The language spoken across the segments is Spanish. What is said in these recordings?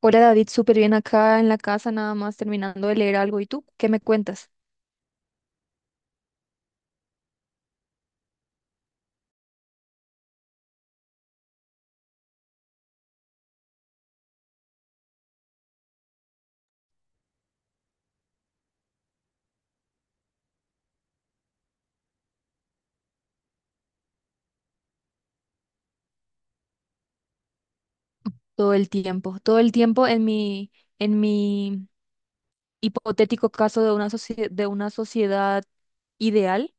Hola David, súper bien acá en la casa, nada más terminando de leer algo. ¿Y tú qué me cuentas? Todo el tiempo en mi hipotético caso de una sociedad ideal,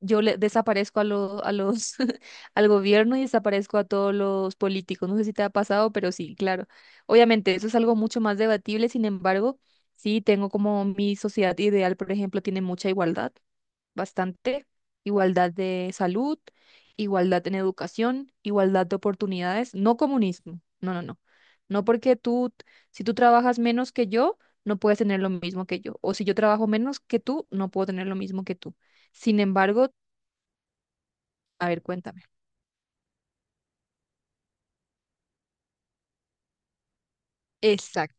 yo le desaparezco a los, al gobierno y desaparezco a todos los políticos. No sé si te ha pasado, pero sí, claro. Obviamente, eso es algo mucho más debatible. Sin embargo, sí tengo como mi sociedad ideal, por ejemplo, tiene mucha igualdad, bastante, igualdad de salud, igualdad en educación, igualdad de oportunidades, no comunismo, no, no, no. No porque tú, si tú trabajas menos que yo, no puedes tener lo mismo que yo, o si yo trabajo menos que tú, no puedo tener lo mismo que tú. Sin embargo, a ver, cuéntame. Exacto.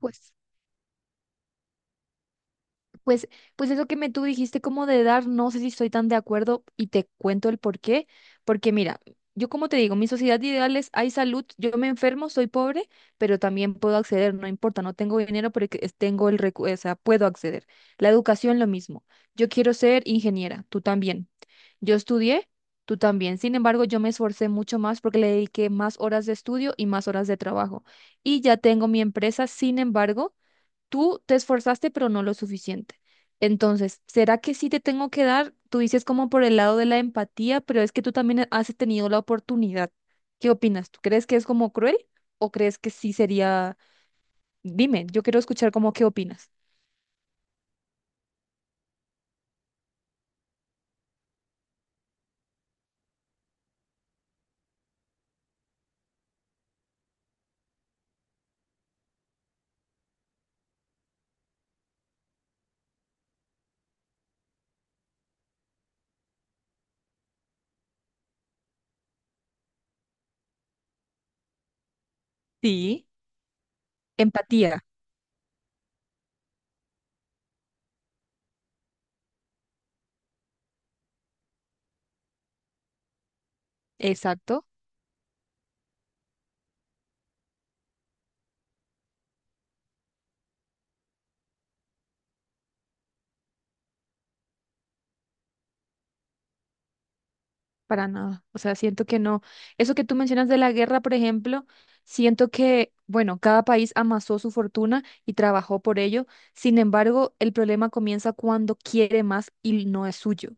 Pues Pues, pues eso que me tú dijiste como de dar, no sé si estoy tan de acuerdo y te cuento el por qué. Porque mira, yo como te digo, mi sociedad ideal es, hay salud, yo me enfermo, soy pobre, pero también puedo acceder, no importa, no tengo dinero, pero tengo el recu, o sea, puedo acceder. La educación, lo mismo. Yo quiero ser ingeniera, tú también. Yo estudié, tú también. Sin embargo, yo me esforcé mucho más porque le dediqué más horas de estudio y más horas de trabajo. Y ya tengo mi empresa, sin embargo tú te esforzaste, pero no lo suficiente. Entonces, ¿será que sí te tengo que dar? Tú dices como por el lado de la empatía, pero es que tú también has tenido la oportunidad. ¿Qué opinas? ¿Tú crees que es como cruel o crees que sí sería? Dime, yo quiero escuchar como qué opinas. Sí, empatía, exacto. Para nada. O sea, siento que no. Eso que tú mencionas de la guerra, por ejemplo, siento que, bueno, cada país amasó su fortuna y trabajó por ello. Sin embargo, el problema comienza cuando quiere más y no es suyo.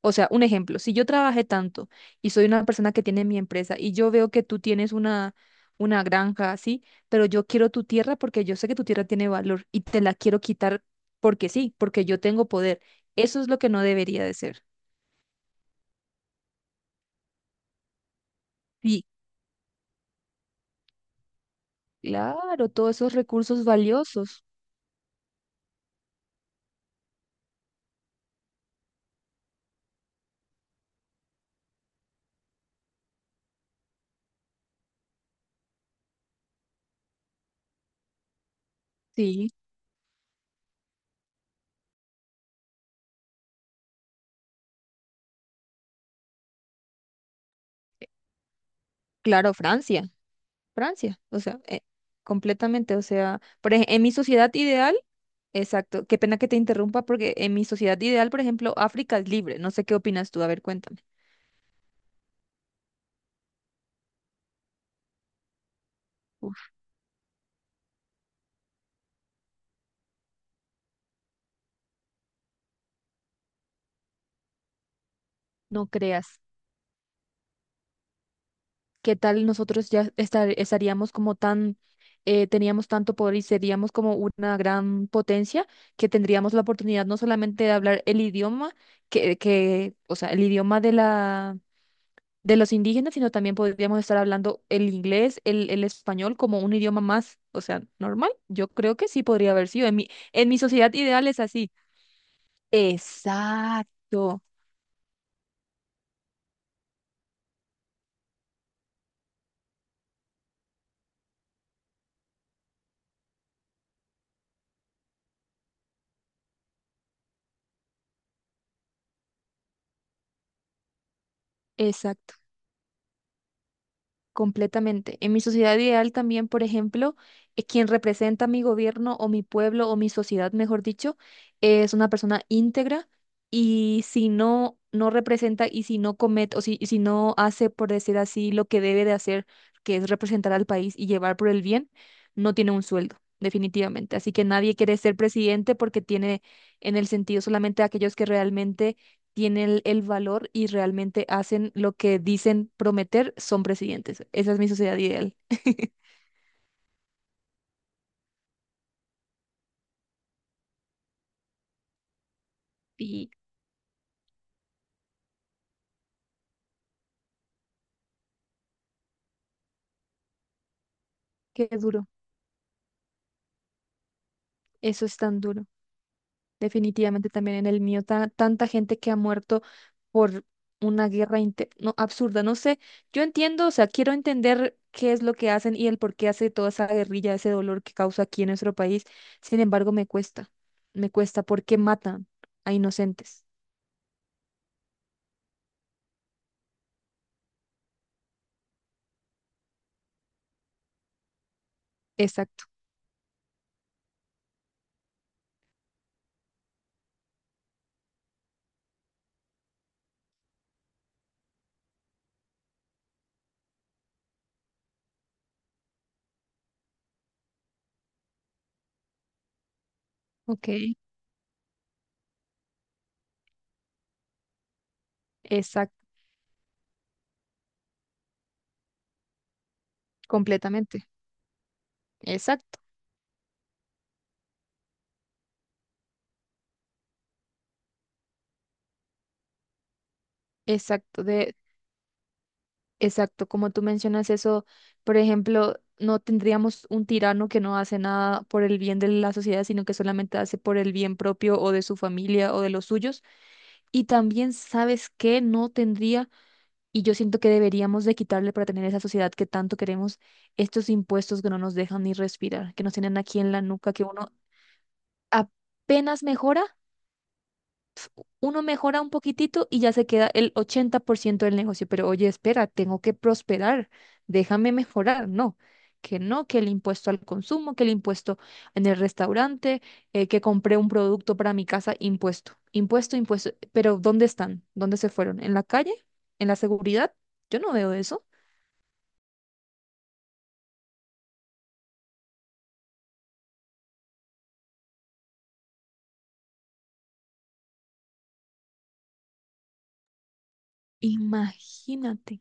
O sea, un ejemplo, si yo trabajé tanto y soy una persona que tiene mi empresa y yo veo que tú tienes una granja así, pero yo quiero tu tierra porque yo sé que tu tierra tiene valor y te la quiero quitar porque sí, porque yo tengo poder. Eso es lo que no debería de ser. Claro, todos esos recursos valiosos. Sí, claro, Francia, Francia, o sea, completamente, o sea, en mi sociedad ideal, exacto, qué pena que te interrumpa porque en mi sociedad ideal, por ejemplo, África es libre, no sé qué opinas tú, a ver, cuéntame. Uf, no creas, ¿qué tal nosotros ya estaríamos como tan, teníamos tanto poder y seríamos como una gran potencia que tendríamos la oportunidad no solamente de hablar el idioma, o sea, el idioma de la de los indígenas, sino también podríamos estar hablando el inglés, el español como un idioma más, o sea, normal. Yo creo que sí podría haber sido. En mi sociedad ideal es así. Exacto, completamente. En mi sociedad ideal también, por ejemplo, quien representa mi gobierno o mi pueblo o mi sociedad, mejor dicho, es una persona íntegra y si no, no representa y si no comete o si, y si no hace, por decir así, lo que debe de hacer, que es representar al país y llevar por el bien, no tiene un sueldo, definitivamente. Así que nadie quiere ser presidente porque tiene en el sentido solamente aquellos que realmente tienen el valor y realmente hacen lo que dicen prometer, son presidentes. Esa es mi sociedad ideal. Y qué duro, eso es tan duro. Definitivamente también en el mío, tanta gente que ha muerto por una guerra, absurda. No sé, yo entiendo, o sea, quiero entender qué es lo que hacen y el por qué hace toda esa guerrilla, ese dolor que causa aquí en nuestro país. Sin embargo, me cuesta porque matan a inocentes. Exacto, ok, exacto, completamente. Exacto. Exacto, de, exacto, como tú mencionas eso, por ejemplo, no tendríamos un tirano que no hace nada por el bien de la sociedad, sino que solamente hace por el bien propio o de su familia o de los suyos. Y también, ¿sabes qué? No tendría, y yo siento que deberíamos de quitarle para tener esa sociedad que tanto queremos, estos impuestos que no nos dejan ni respirar, que nos tienen aquí en la nuca, que uno apenas mejora. Uno mejora un poquitito y ya se queda el 80% del negocio. Pero oye, espera, tengo que prosperar, déjame mejorar. No, que no, que el impuesto al consumo, que el impuesto en el restaurante, que compré un producto para mi casa, impuesto, impuesto, impuesto. Pero ¿dónde están? ¿Dónde se fueron? ¿En la calle? ¿En la seguridad? Yo no veo eso. Imagínate.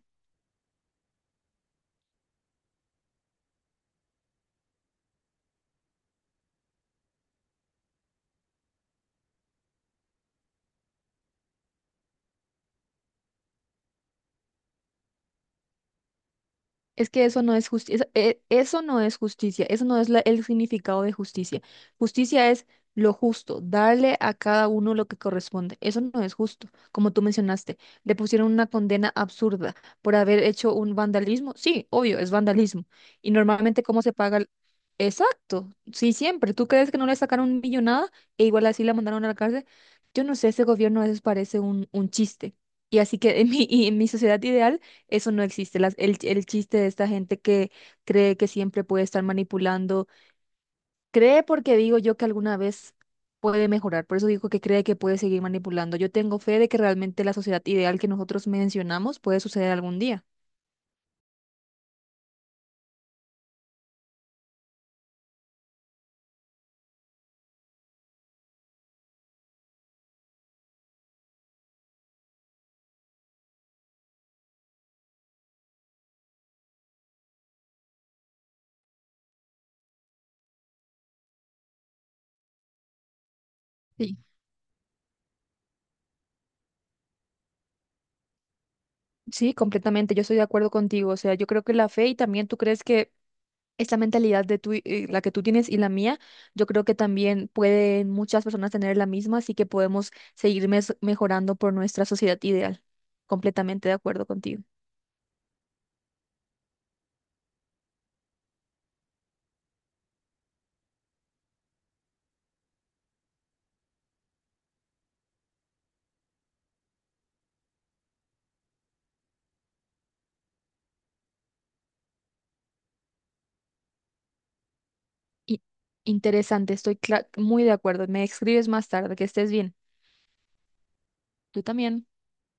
Es que eso no es justicia, eso no es justicia, eso no es el significado de justicia. Justicia es lo justo, darle a cada uno lo que corresponde. Eso no es justo, como tú mencionaste. Le pusieron una condena absurda por haber hecho un vandalismo. Sí, obvio, es vandalismo. Y normalmente, ¿cómo se paga? Exacto, sí, siempre. ¿Tú crees que no le sacaron millonada e igual así la mandaron a la cárcel? Yo no sé, ese gobierno a veces parece un chiste. Y así que y en mi sociedad ideal eso no existe. El chiste de esta gente que cree que siempre puede estar manipulando, cree porque digo yo que alguna vez puede mejorar. Por eso digo que cree que puede seguir manipulando. Yo tengo fe de que realmente la sociedad ideal que nosotros mencionamos puede suceder algún día. Sí. Sí, completamente. Yo estoy de acuerdo contigo. O sea, yo creo que la fe y también tú crees que esta mentalidad de tú, la que tú tienes y la mía, yo creo que también pueden muchas personas tener la misma, así que podemos seguir mejorando por nuestra sociedad ideal. Completamente de acuerdo contigo. Y interesante, estoy muy de acuerdo. Me escribes más tarde, que estés bien. Tú también.